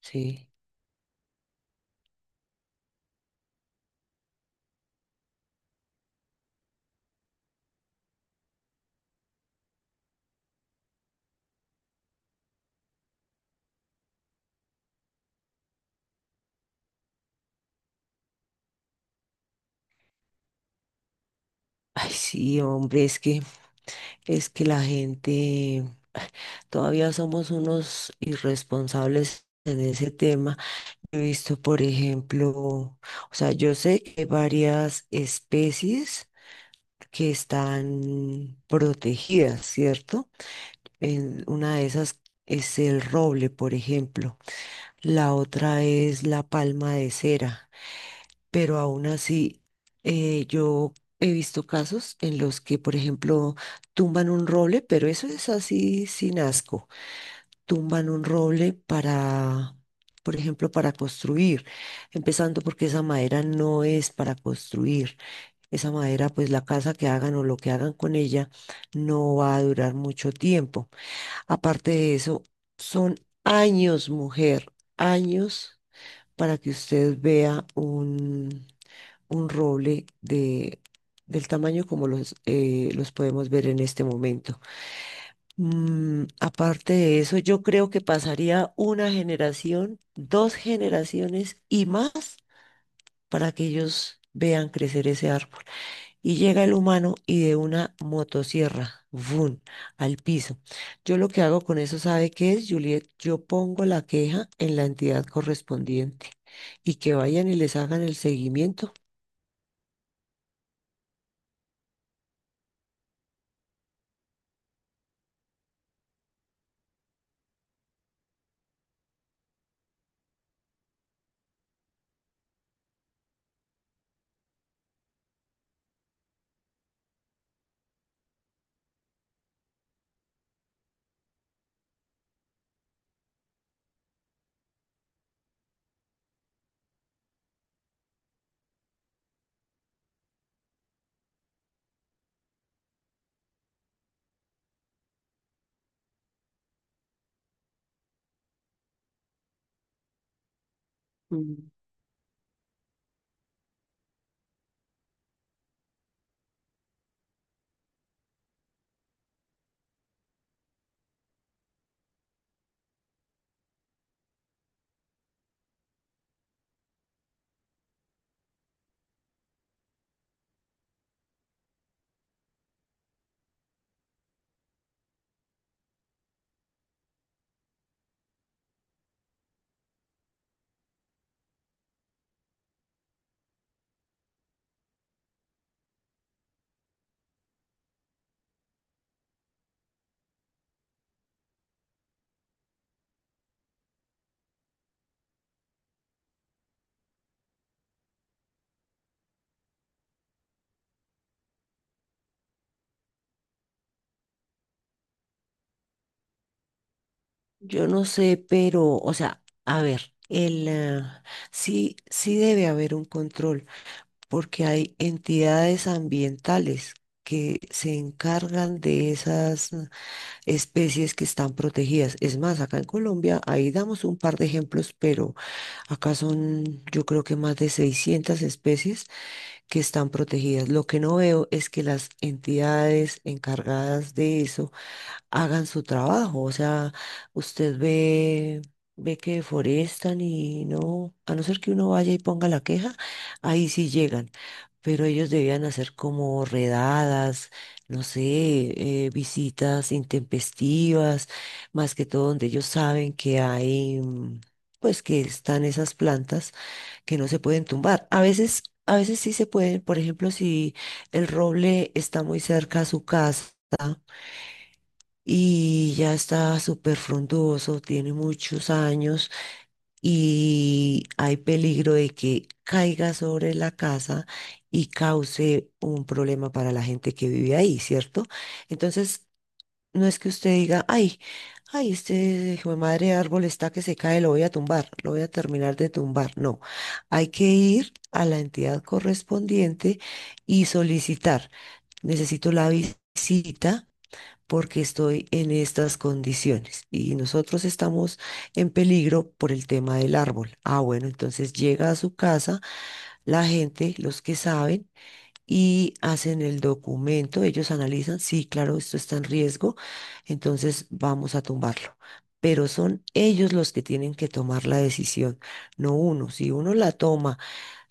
Sí. Ay, sí, hombre, es que la gente, todavía somos unos irresponsables en ese tema. He visto, por ejemplo, o sea, yo sé que hay varias especies que están protegidas, ¿cierto? En una de esas es el roble, por ejemplo. La otra es la palma de cera. Pero aún así yo he visto casos en los que, por ejemplo, tumban un roble, pero eso es así sin asco, tumban un roble para, por ejemplo, para construir, empezando porque esa madera no es para construir, esa madera, pues la casa que hagan o lo que hagan con ella no va a durar mucho tiempo. Aparte de eso, son años, mujer, años para que usted vea un roble del tamaño como los podemos ver en este momento. Aparte de eso, yo creo que pasaría una generación, dos generaciones y más para que ellos vean crecer ese árbol. Y llega el humano y de una motosierra, ¡vum!, al piso. Yo lo que hago con eso, ¿sabe qué es, Juliet? Yo pongo la queja en la entidad correspondiente y que vayan y les hagan el seguimiento. Mm, Yo no sé, pero, o sea, a ver, sí, sí debe haber un control, porque hay entidades ambientales que se encargan de esas especies que están protegidas. Es más, acá en Colombia, ahí damos un par de ejemplos, pero acá son, yo creo que más de 600 especies que están protegidas. Lo que no veo es que las entidades encargadas de eso hagan su trabajo. O sea, usted ve, ve que deforestan y no, a no ser que uno vaya y ponga la queja, ahí sí llegan. Pero ellos debían hacer como redadas, no sé, visitas intempestivas, más que todo donde ellos saben que hay, pues que están esas plantas que no se pueden tumbar. A veces sí se pueden, por ejemplo, si el roble está muy cerca a su casa y ya está súper frondoso, tiene muchos años y hay peligro de que caiga sobre la casa y cause un problema para la gente que vive ahí, ¿cierto? Entonces, no es que usted diga, ay, ay, este hijo de madre árbol está que se cae, lo voy a tumbar, lo voy a terminar de tumbar. No, hay que ir a la entidad correspondiente y solicitar. Necesito la visita porque estoy en estas condiciones y nosotros estamos en peligro por el tema del árbol. Ah, bueno, entonces llega a su casa la gente, los que saben, y hacen el documento, ellos analizan, sí, claro, esto está en riesgo, entonces vamos a tumbarlo. Pero son ellos los que tienen que tomar la decisión, no uno. Si uno la toma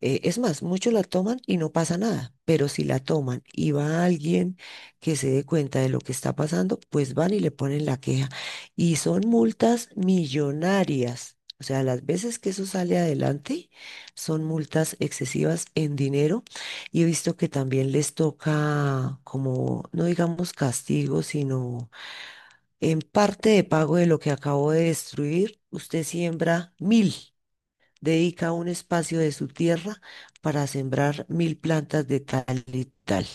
es más, muchos la toman y no pasa nada, pero si la toman y va alguien que se dé cuenta de lo que está pasando, pues van y le ponen la queja. Y son multas millonarias. O sea, las veces que eso sale adelante son multas excesivas en dinero. Y he visto que también les toca como, no digamos castigo, sino en parte de pago de lo que acabo de destruir, usted siembra 1.000. Dedica un espacio de su tierra para sembrar 1.000 plantas de tal y tal.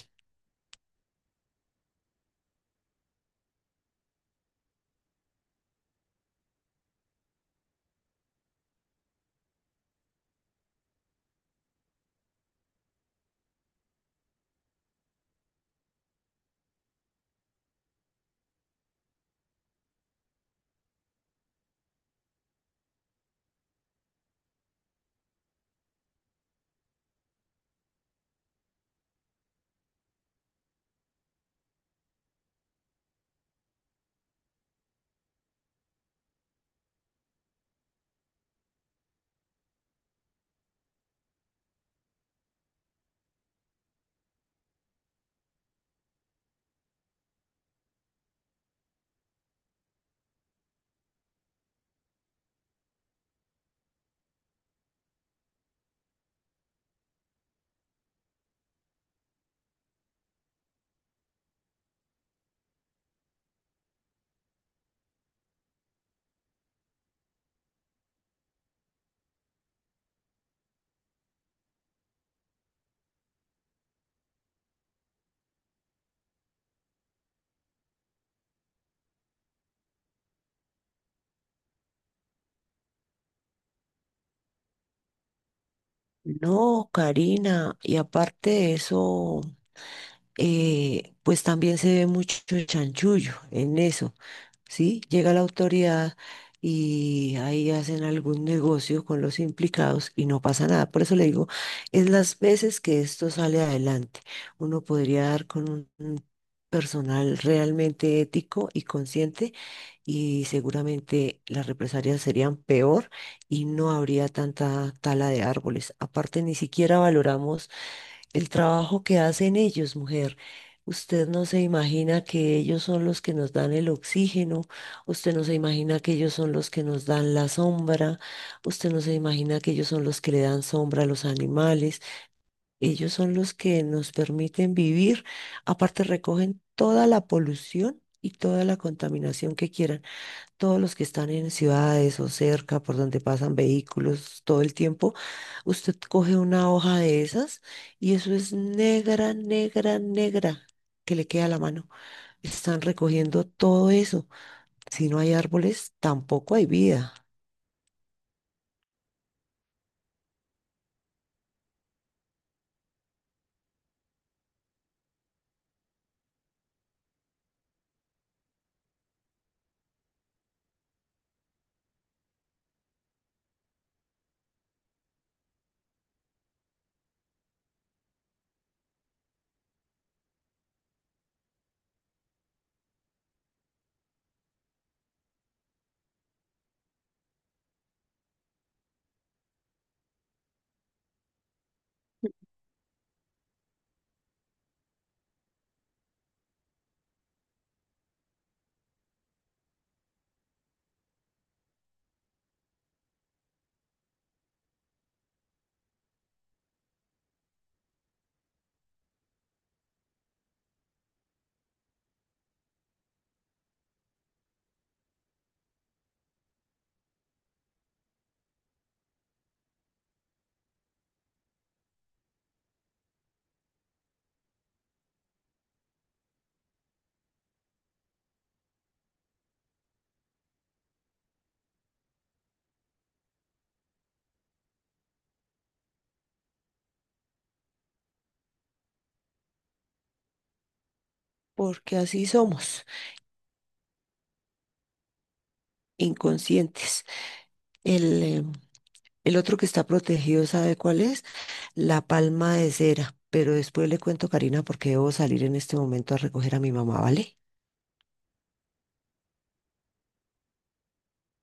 No, Karina, y aparte de eso, pues también se ve mucho chanchullo en eso. ¿Sí? Llega la autoridad y ahí hacen algún negocio con los implicados y no pasa nada. Por eso le digo, es las veces que esto sale adelante. Uno podría dar con un personal realmente ético y consciente y seguramente las represalias serían peor y no habría tanta tala de árboles. Aparte, ni siquiera valoramos el trabajo que hacen ellos, mujer. Usted no se imagina que ellos son los que nos dan el oxígeno, usted no se imagina que ellos son los que nos dan la sombra, usted no se imagina que ellos son los que le dan sombra a los animales, ellos son los que nos permiten vivir, aparte recogen toda la polución y toda la contaminación que quieran todos los que están en ciudades o cerca por donde pasan vehículos todo el tiempo, usted coge una hoja de esas y eso es negra, negra, negra que le queda a la mano. Están recogiendo todo eso. Si no hay árboles, tampoco hay vida, porque así somos, inconscientes. El, eh, el otro que está protegido, ¿sabe cuál es? La palma de cera. Pero después le cuento, Karina, porque debo salir en este momento a recoger a mi mamá, ¿vale?